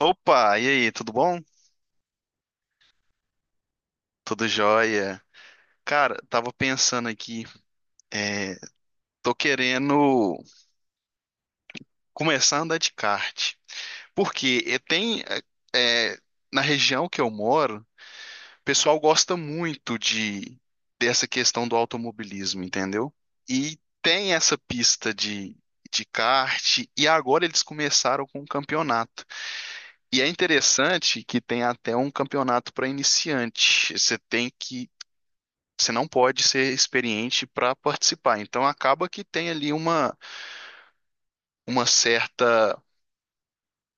Opa, e aí, tudo bom? Tudo jóia. Cara, tava pensando aqui, tô querendo começar a andar de kart. Porque eh, na região que eu moro, o pessoal gosta muito de dessa questão do automobilismo, entendeu? E tem essa pista de kart, e agora eles começaram com um campeonato. E é interessante que tem até um campeonato para iniciante. Você tem que Você não pode ser experiente para participar. Então acaba que tem ali uma certa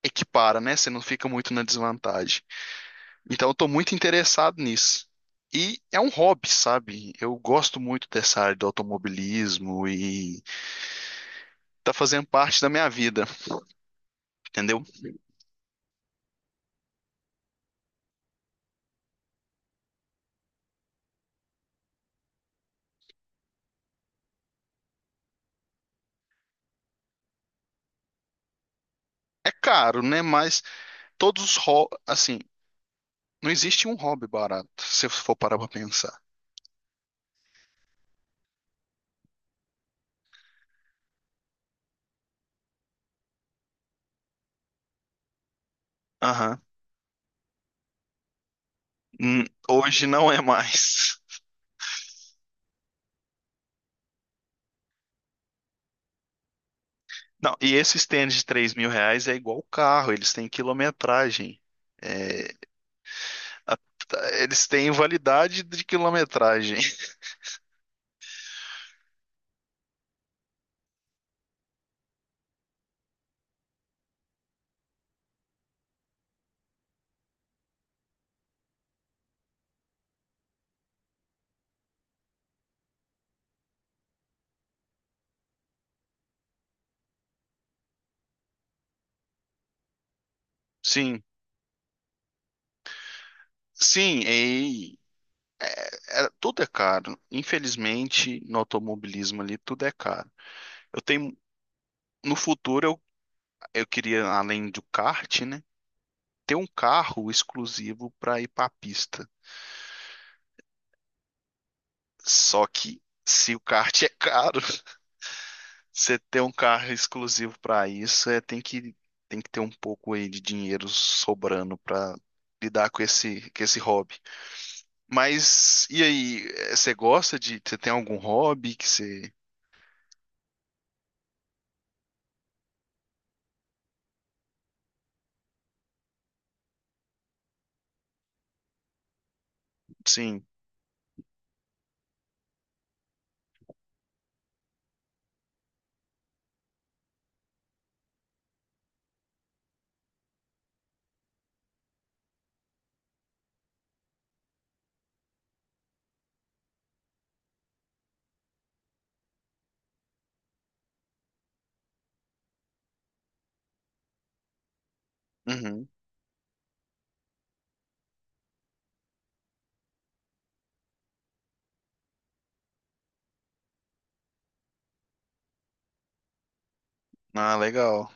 equipara, né? Você não fica muito na desvantagem. Então eu tô muito interessado nisso. E é um hobby, sabe? Eu gosto muito dessa área do automobilismo e tá fazendo parte da minha vida, entendeu? É caro, né? Mas todos os hobbies, assim, não existe um hobby barato, se eu for parar pra pensar. Aham. Hoje não é mais. Não, e esse stand de 3 mil reais é igual o carro, eles têm quilometragem. É, a- Eles têm validade de quilometragem. Sim, sim, tudo é caro. Infelizmente, no automobilismo ali, tudo é caro. Eu tenho, no futuro, eu queria, além do kart, né, ter um carro exclusivo para ir para a pista. Só que se o kart é caro, Você ter um carro exclusivo para isso é tem que ter um pouco aí de dinheiro sobrando para lidar com esse hobby. Mas e aí, você gosta de você tem algum hobby que você sim, uhum. Ah, legal.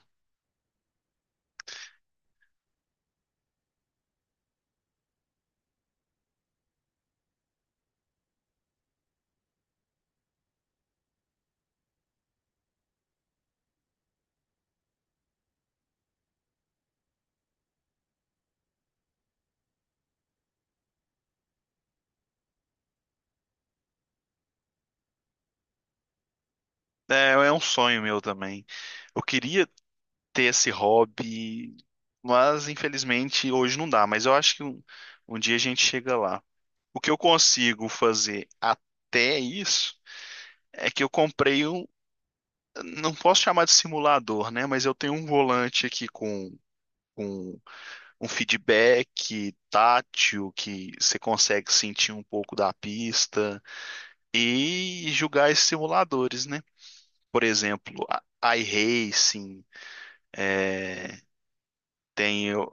É, é um sonho meu também. Eu queria ter esse hobby, mas infelizmente hoje não dá. Mas eu acho que um dia a gente chega lá. O que eu consigo fazer até isso é que não posso chamar de simulador, né? Mas eu tenho um volante aqui com um feedback tátil que você consegue sentir um pouco da pista e jogar esses simuladores, né? Por exemplo, iRacing, é, tem, o-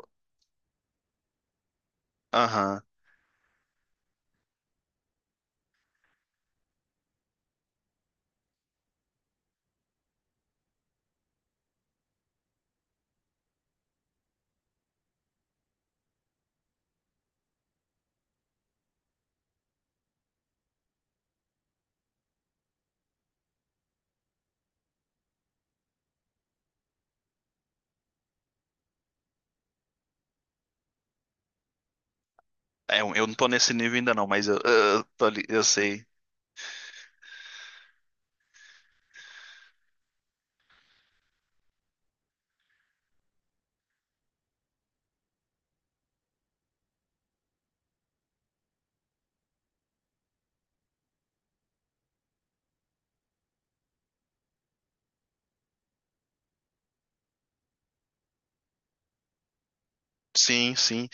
é, eu não tô nesse nível ainda não, mas eu sei. Sim, sim.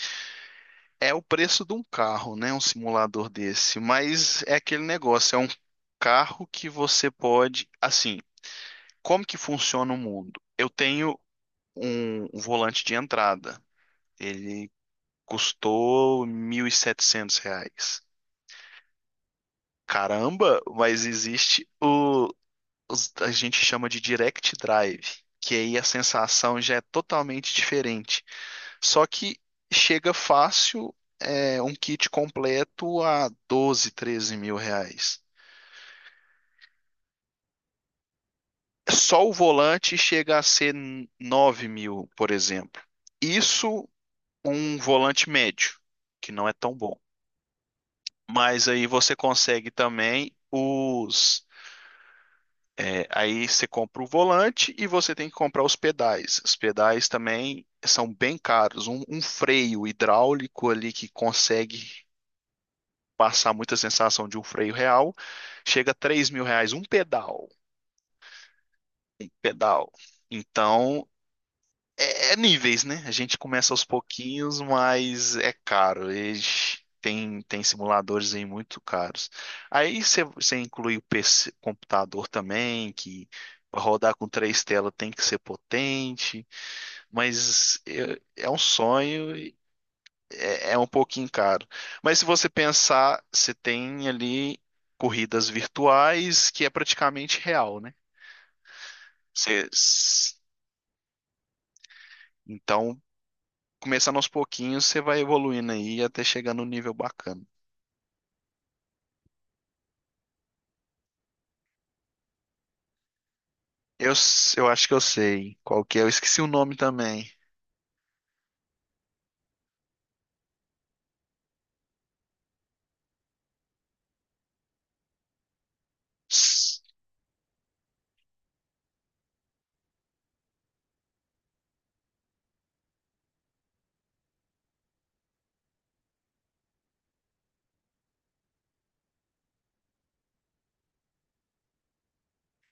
É o preço de um carro, né? Um simulador desse. Mas é aquele negócio, é um carro que você pode. Assim, como que funciona o mundo? Eu tenho um volante de entrada. Ele custou 1.700 reais. Caramba, mas existe o. A gente chama de direct drive, que aí a sensação já é totalmente diferente. Só que chega fácil um kit completo a 12, 13 mil reais. Só o volante chega a ser 9 mil, por exemplo. Isso um volante médio, que não é tão bom. Mas aí você consegue também os. É, aí você compra o volante e você tem que comprar os pedais. Os pedais também são bem caros. Um freio hidráulico ali que consegue passar muita sensação de um freio real, chega a 3 mil reais um pedal. Então, é níveis, né? A gente começa aos pouquinhos, mas é caro. Eles tem, tem simuladores aí muito caros. Aí você inclui o PC, computador também, que pra rodar com três telas tem que ser potente, mas é um sonho é um pouquinho caro. Mas se você pensar, você tem ali corridas virtuais que é praticamente real, né? Você- s- então, começando aos pouquinhos, você vai evoluindo aí até chegar no nível bacana. Eu acho que eu sei qual que é. Eu esqueci o nome também. S-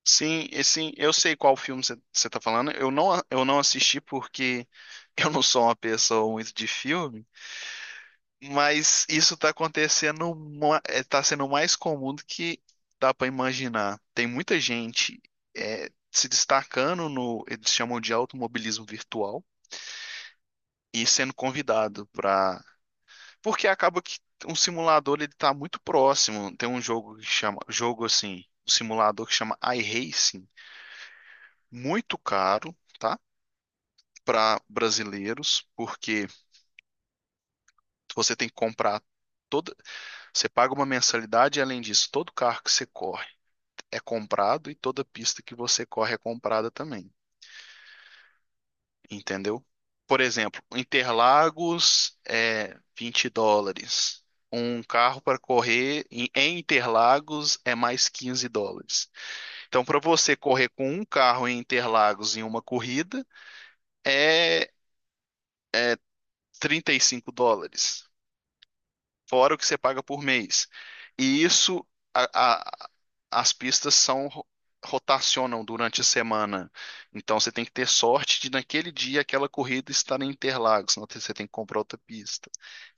Sim, eu sei qual filme você tá falando. Eu não assisti porque eu não sou uma pessoa muito de filme. Mas isso tá acontecendo, tá sendo mais comum do que dá pra imaginar. Tem muita gente se destacando no, eles chamam de automobilismo virtual, e sendo convidado pra. Porque acaba que um simulador ele tá muito próximo. Tem um jogo que chama, jogo assim, um simulador que chama iRacing, muito caro, tá? Para brasileiros, porque você tem que comprar toda, você paga uma mensalidade e além disso, todo carro que você corre é comprado e toda pista que você corre é comprada também, entendeu? Por exemplo, Interlagos é US$ 20. Um carro para correr em Interlagos é mais US$ 15. Então, para você correr com um carro em Interlagos em uma corrida, é US$ 35, fora o que você paga por mês. E isso, a- a- as pistas rotacionam durante a semana. Então você tem que ter sorte de naquele dia aquela corrida estar em Interlagos, senão você tem que comprar outra pista.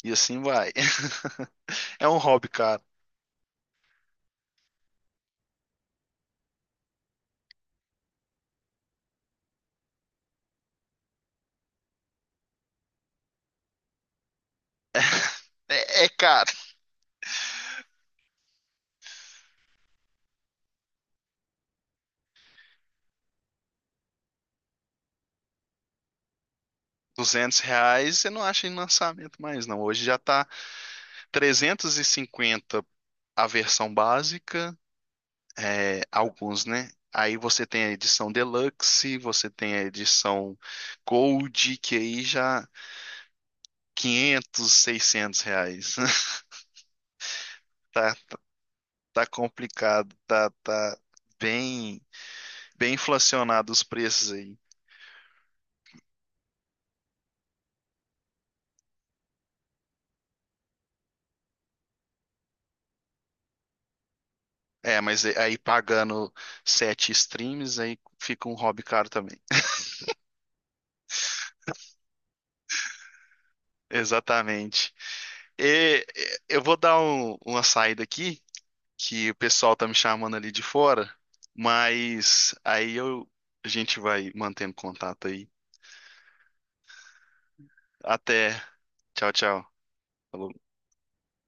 E assim vai. É um hobby, cara. É, é caro. 200 reais você não acha em lançamento mais, não. Hoje já tá 350 a versão básica, é, alguns, né? Aí você tem a edição Deluxe, você tem a edição Gold, que aí já 500, 600 reais. Tá, tá complicado, tá bem, bem inflacionado os preços aí. É, aí pagando 7 streams, aí fica um hobby caro também. Exatamente. Eu vou dar uma saída aqui que o pessoal tá me chamando ali de fora, mas aí eu a gente vai mantendo contato aí. Até. Tchau, tchau. Falou.